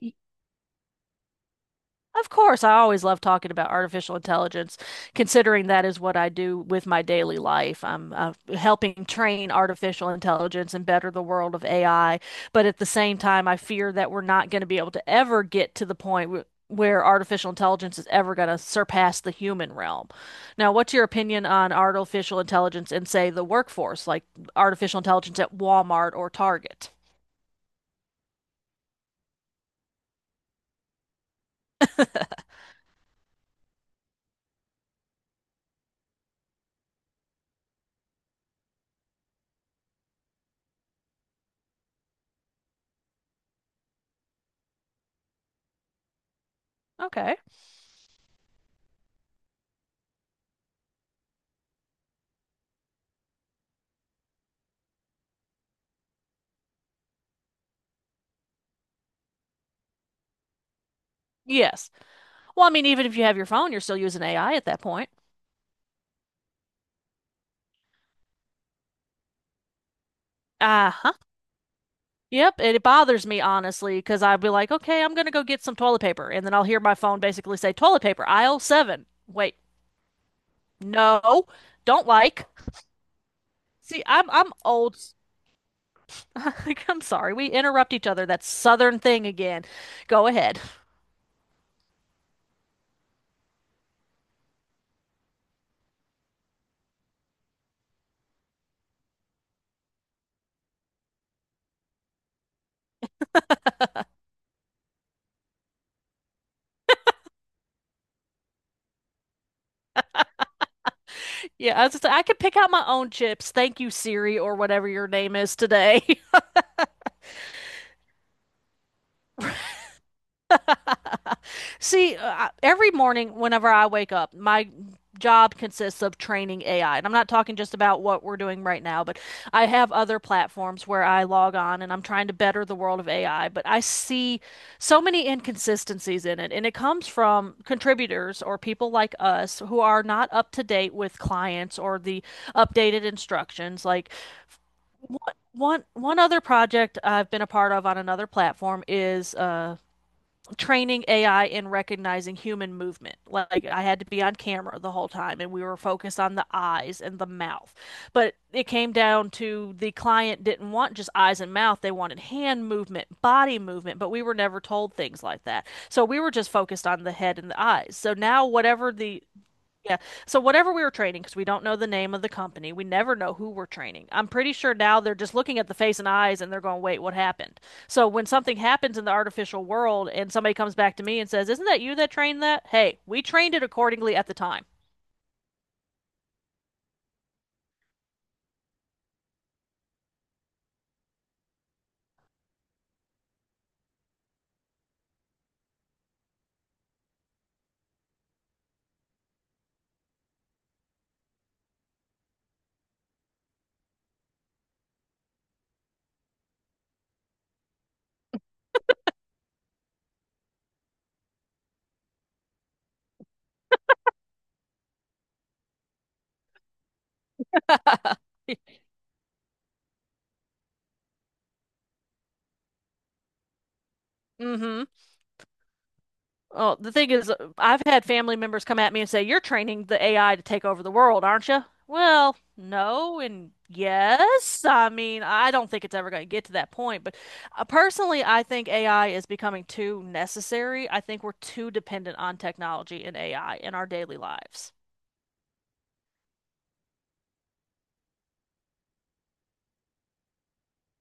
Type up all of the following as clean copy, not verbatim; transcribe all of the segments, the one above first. Y- Of course, I always love talking about artificial intelligence, considering that is what I do with my daily life. I'm helping train artificial intelligence and better the world of AI. But at the same time, I fear that we're not going to be able to ever get to the point w where artificial intelligence is ever going to surpass the human realm. Now, what's your opinion on artificial intelligence in, say, the workforce, like artificial intelligence at Walmart or Target? Okay. Yes. Well, I mean, even if you have your phone, you're still using AI at that point. Uh-huh. Yep. And it bothers me, honestly, because I'd be like, okay, I'm going to go get some toilet paper. And then I'll hear my phone basically say, toilet paper, aisle seven. Wait, no, don't like. See, I'm old. I'm sorry. We interrupt each other. That southern thing again. Go ahead. Yeah, I was just, I could pick out my own chips. Thank you, Siri, or whatever your name is today. See, every morning whenever I wake up, my job consists of training AI. And I'm not talking just about what we're doing right now, but I have other platforms where I log on and I'm trying to better the world of AI. But I see so many inconsistencies in it. And it comes from contributors or people like us who are not up to date with clients or the updated instructions. Like, one, one other project I've been a part of on another platform is training AI in recognizing human movement. Like I had to be on camera the whole time and we were focused on the eyes and the mouth. But it came down to the client didn't want just eyes and mouth, they wanted hand movement, body movement, but we were never told things like that. So we were just focused on the head and the eyes. So now whatever the Yeah. So whatever we were training, because we don't know the name of the company, we never know who we're training. I'm pretty sure now they're just looking at the face and eyes and they're going, wait, what happened? So when something happens in the artificial world and somebody comes back to me and says, isn't that you that trained that? Hey, we trained it accordingly at the time. Mm-hmm. Well, the thing is, I've had family members come at me and say, you're training the AI to take over the world, aren't you? Well, no, and yes. I mean, I don't think it's ever going to get to that point, but personally, I think AI is becoming too necessary. I think we're too dependent on technology and AI in our daily lives.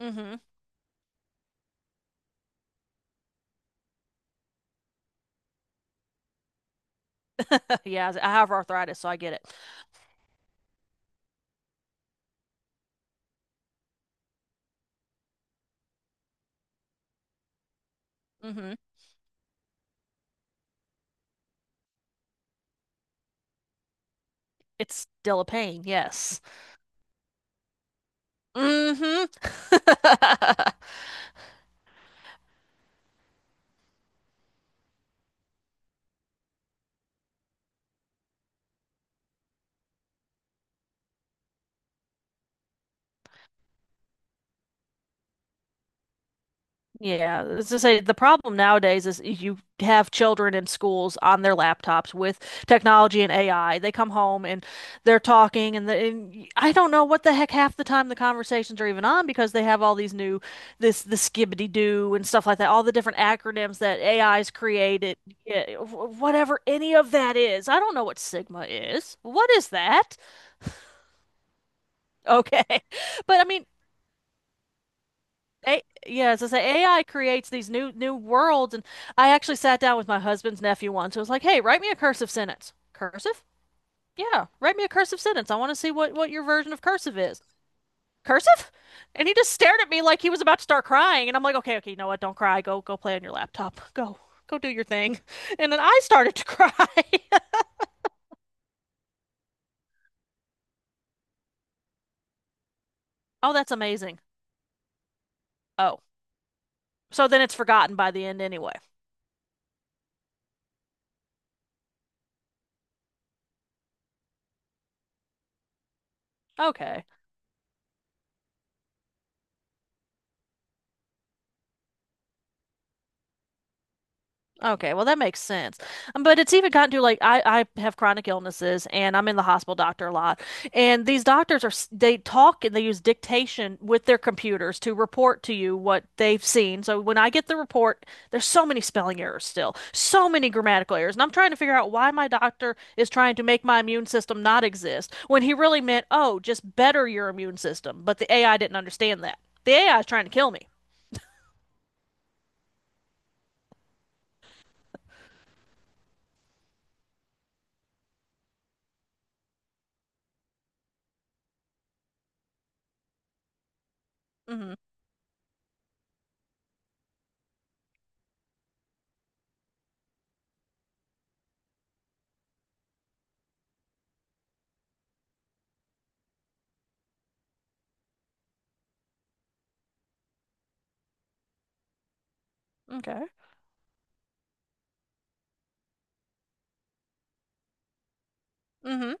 Hmm. Yeah, I have arthritis, so I get it. Hmm. It's still a pain, yes. Hmm. Yeah, as I say, the problem nowadays is you have children in schools on their laptops with technology and AI. They come home and they're talking, and, the, and y- I don't know what the heck half the time the conversations are even on because they have all these new this the skibbity doo and stuff like that, all the different acronyms that AI's created, yeah, whatever any of that is. I don't know what Sigma is. What is that? Okay, but I mean. A Yeah, as I say, AI creates these new worlds, and I actually sat down with my husband's nephew once. I was like, "Hey, write me a cursive sentence." Cursive? Yeah, write me a cursive sentence. I want to see what your version of cursive is. Cursive? And he just stared at me like he was about to start crying, and I'm like, "Okay, okay, you know what? Don't cry. Go play on your laptop. Go do your thing." And then I started to cry. Oh, that's amazing. Oh, so then it's forgotten by the end anyway. Okay. Okay, well that makes sense. But it's even gotten to like I have chronic illnesses and I'm in the hospital doctor a lot. And these doctors are they talk and they use dictation with their computers to report to you what they've seen. So when I get the report, there's so many spelling errors still, so many grammatical errors. And I'm trying to figure out why my doctor is trying to make my immune system not exist when he really meant, "Oh, just better your immune system." But the AI didn't understand that. The AI is trying to kill me. Mhm. Okay. Mhm.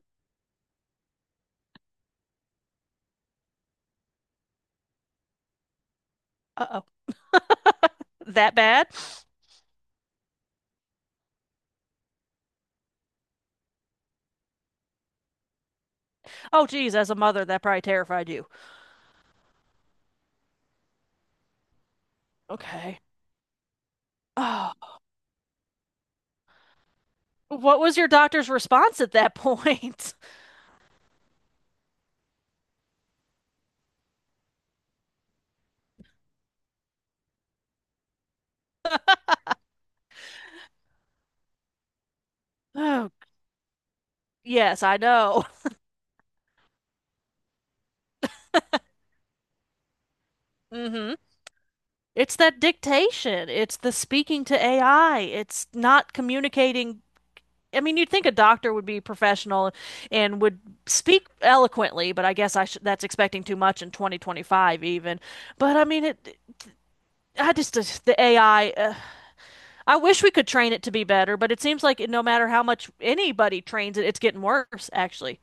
Uh-oh. That bad? Oh, geez, as a mother, that probably terrified you. Okay. Oh, what was your doctor's response at that point? Oh, yes, I know. Mm-hmm. It's that dictation. It's the speaking to AI. It's not communicating. I mean, you'd think a doctor would be professional and would speak eloquently, but I guess I sh that's expecting too much in 2025 even. But I mean, it I just the AI uh, I wish we could train it to be better, but it seems like no matter how much anybody trains it, it's getting worse, actually.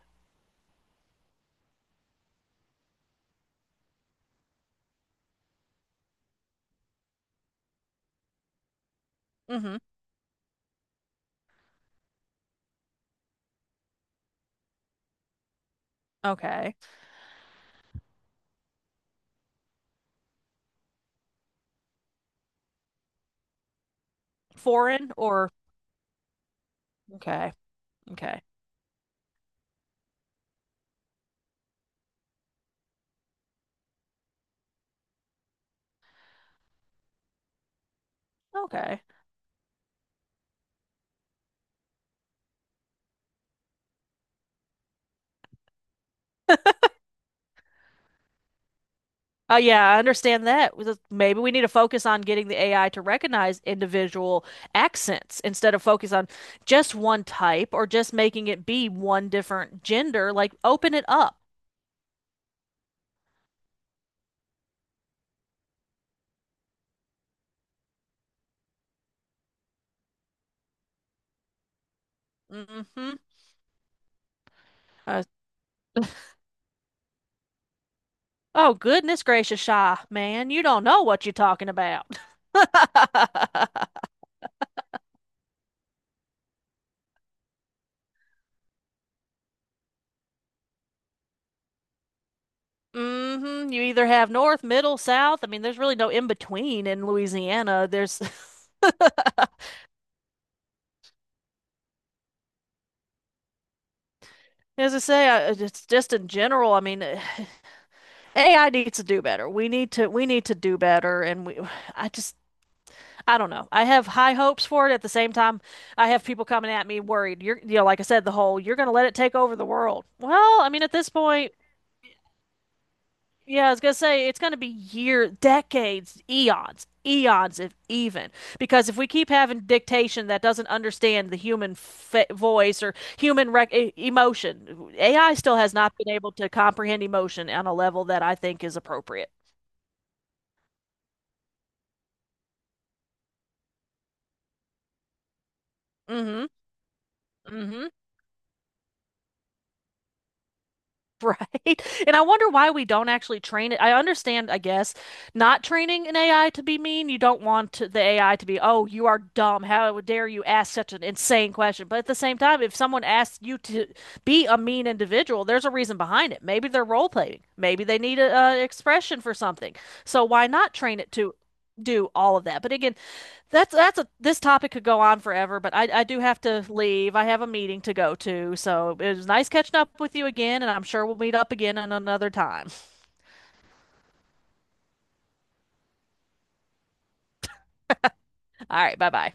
Mm-hmm. Okay. Foreign or okay. Okay. Okay. Yeah, I understand that. With- Maybe we need to focus on getting the AI to recognize individual accents instead of focus on just one type or just making it be one different gender. Like, open it up. Mm-hmm. Uh, oh, goodness gracious, Shy, man, you don't know what you're talking about. Hmm. You either have north, middle, south. I mean, there's really no in between in Louisiana. As I say, it's just in general. I mean, AI needs to do better. We need to do better, and we. I just I don't know. I have high hopes for it. At the same time, I have people coming at me worried. Like I said, the whole you're going to let it take over the world. Well, I mean, at this point. Yeah, I was gonna say it's gonna be year, decades, eons, eons if even. Because if we keep having dictation that doesn't understand the human fa voice or human rec e emotion, AI still has not been able to comprehend emotion on a level that I think is appropriate. Mm-hmm. Mm-hmm. Right. And I wonder why we don't actually train it. I understand, I guess, not training an AI to be mean. You don't want the AI to be, oh, you are dumb. How dare you ask such an insane question? But at the same time, if someone asks you to be a mean individual, there's a reason behind it. Maybe they're role playing. Maybe they need a, expression for something. So why not train it to do all of that? But again, that's a this topic could go on forever, but I do have to leave. I have a meeting to go to, so it was nice catching up with you again, and I'm sure we'll meet up again in another time. All right, bye bye.